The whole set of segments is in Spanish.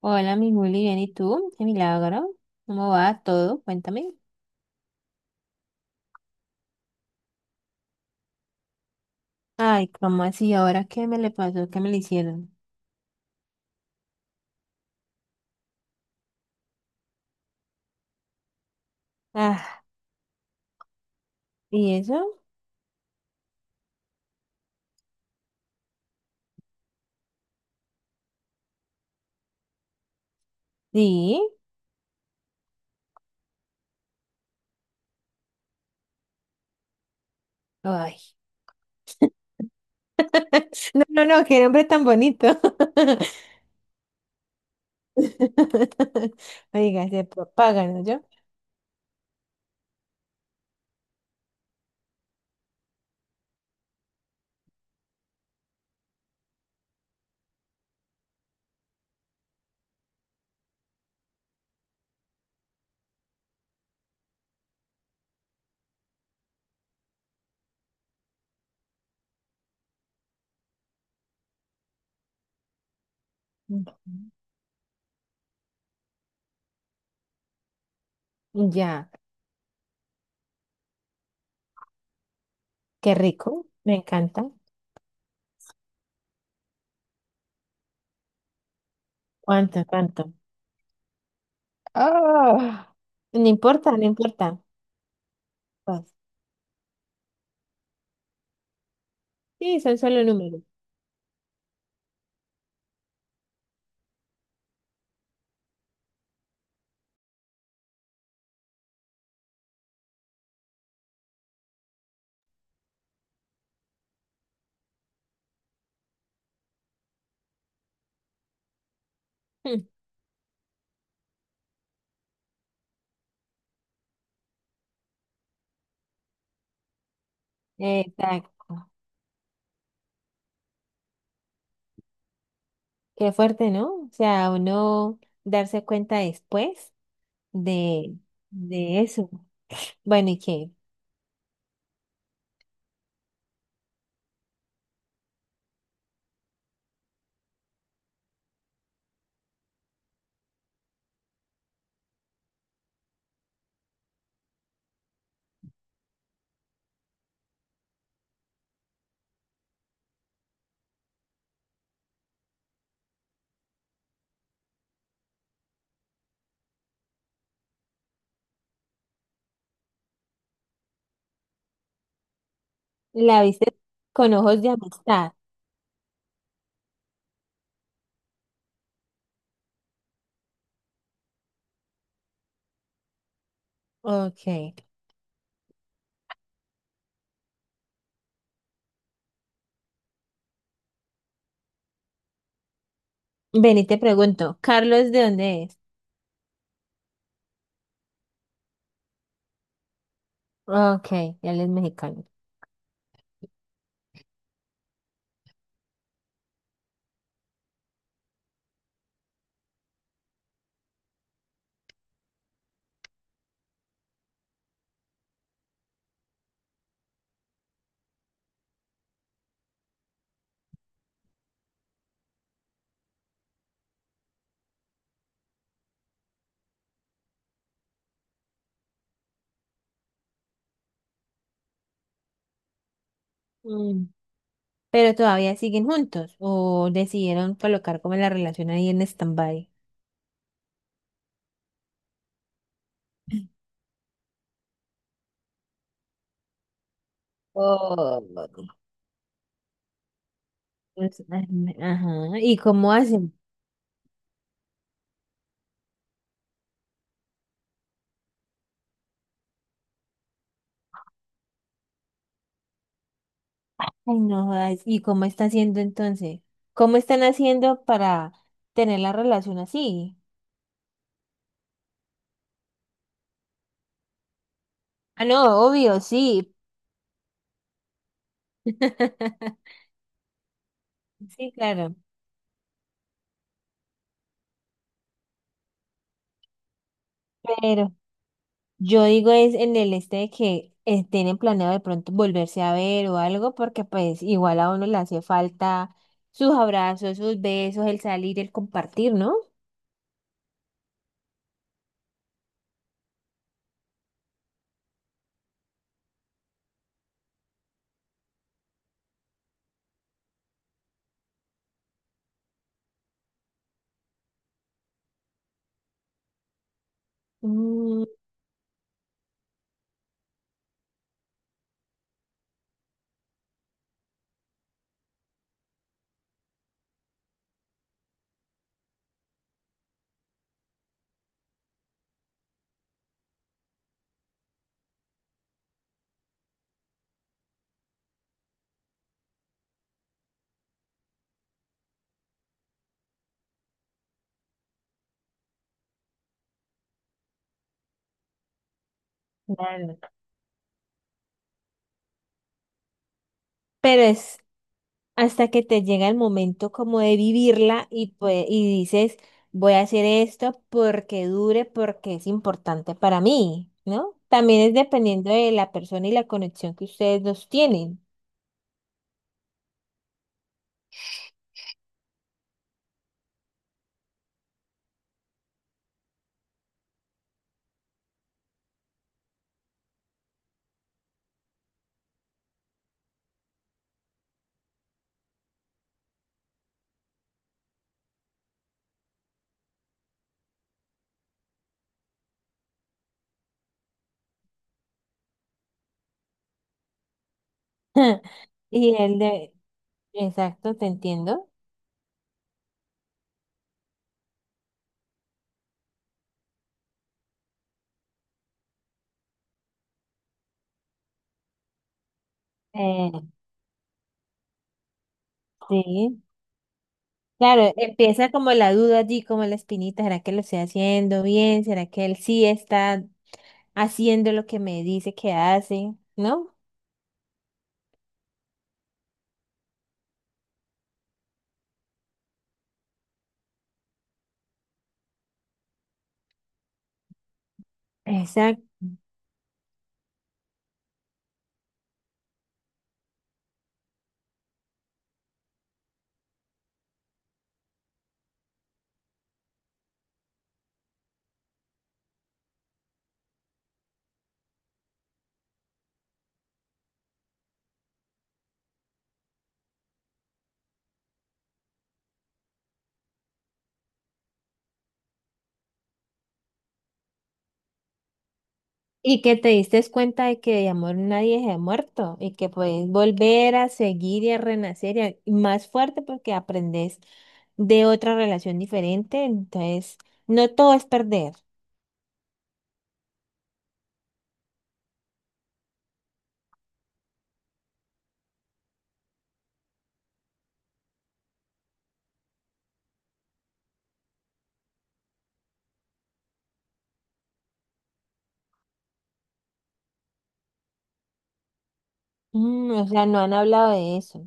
Hola, mi Juli, bien, ¿y tú? Qué milagro. ¿Cómo va todo? Cuéntame. Ay, ¿cómo así? ¿Ahora qué me le pasó? ¿Qué me le hicieron? Ah, ¿y eso? Sí. Ay. No, no, no, qué nombre tan bonito. Oiga, se propagan, ¿no? Yo. Ujú. Ya, qué rico. Me encanta. ¿Cuánto, cuánto? Ah, no importa, no importa. Pues, sí, son solo números. Hmm, exacto. Qué fuerte, ¿no? O sea, uno darse cuenta después de, de eso. Bueno, ¿y qué? ¿La viste con ojos de amistad? Ok. Ven y te pregunto, ¿Carlos de dónde es? Ok, él es mexicano. Mm. ¿Pero todavía siguen juntos o decidieron colocar como la relación ahí en stand-by? Oh, pues, ay, ajá. ¿Y cómo hacen? Ay, no jodas. ¿Y cómo está haciendo entonces? ¿Cómo están haciendo para tener la relación así? Ah, no, obvio, sí. Sí, claro. Pero yo digo es en el este de que tienen planeado de pronto volverse a ver o algo, porque pues igual a uno le hace falta sus abrazos, sus besos, el salir, el compartir, ¿no? Mm, claro. Pero es hasta que te llega el momento como de vivirla y, pues, y dices, voy a hacer esto porque dure, porque es importante para mí, ¿no? También es dependiendo de la persona y la conexión que ustedes dos tienen. Y el de, exacto, te entiendo. Eh, sí. Claro, empieza como la duda allí, como la espinita, ¿será que lo estoy haciendo bien? ¿Será que él sí está haciendo lo que me dice que hace? ¿No? Exacto. Y que te diste cuenta de que de amor nadie se ha muerto y que puedes volver a seguir y a renacer y más fuerte porque aprendes de otra relación diferente. Entonces, no todo es perder. Mm, o sea, no han hablado de eso.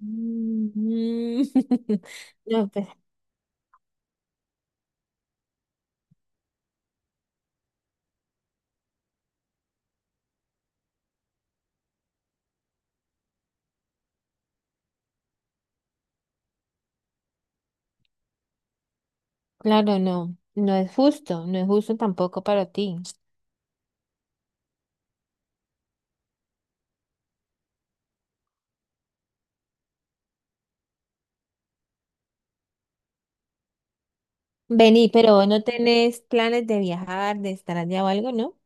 Mm, no, pues, claro, no. No es justo, no es justo tampoco para ti. Vení, pero vos no tenés planes de viajar, de estar allá o algo, ¿no?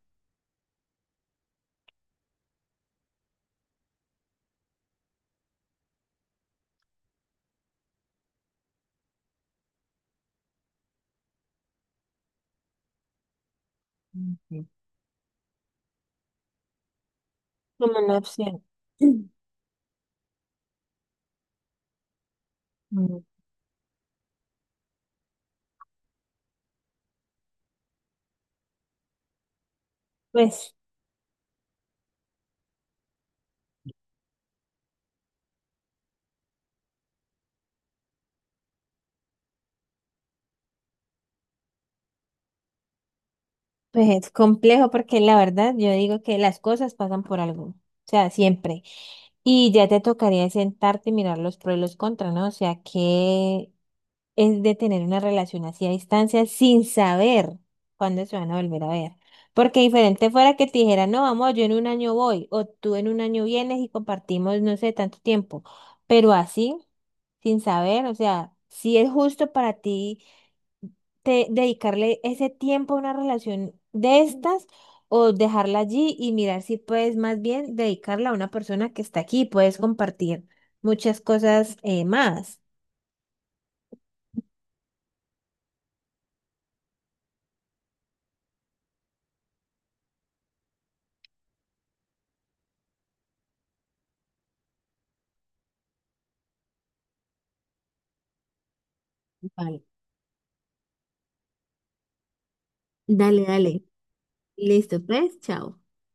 Ujú. Como una opción. Mm. Pues. Pues es complejo porque la verdad yo digo que las cosas pasan por algo, o sea, siempre. Y ya te tocaría sentarte y mirar los pros y los contras, ¿no? O sea, que es de tener una relación así a distancia sin saber cuándo se van a volver a ver. Porque diferente fuera que te dijera, no, vamos, yo en un año voy, o tú en un año vienes y compartimos, no sé, tanto tiempo. Pero así, sin saber, o sea, si es justo para ti dedicarle ese tiempo a una relación de estas o dejarla allí y mirar si puedes más bien dedicarla a una persona que está aquí, puedes compartir muchas cosas más. Vale. Dale, dale. Listo, pues, chao.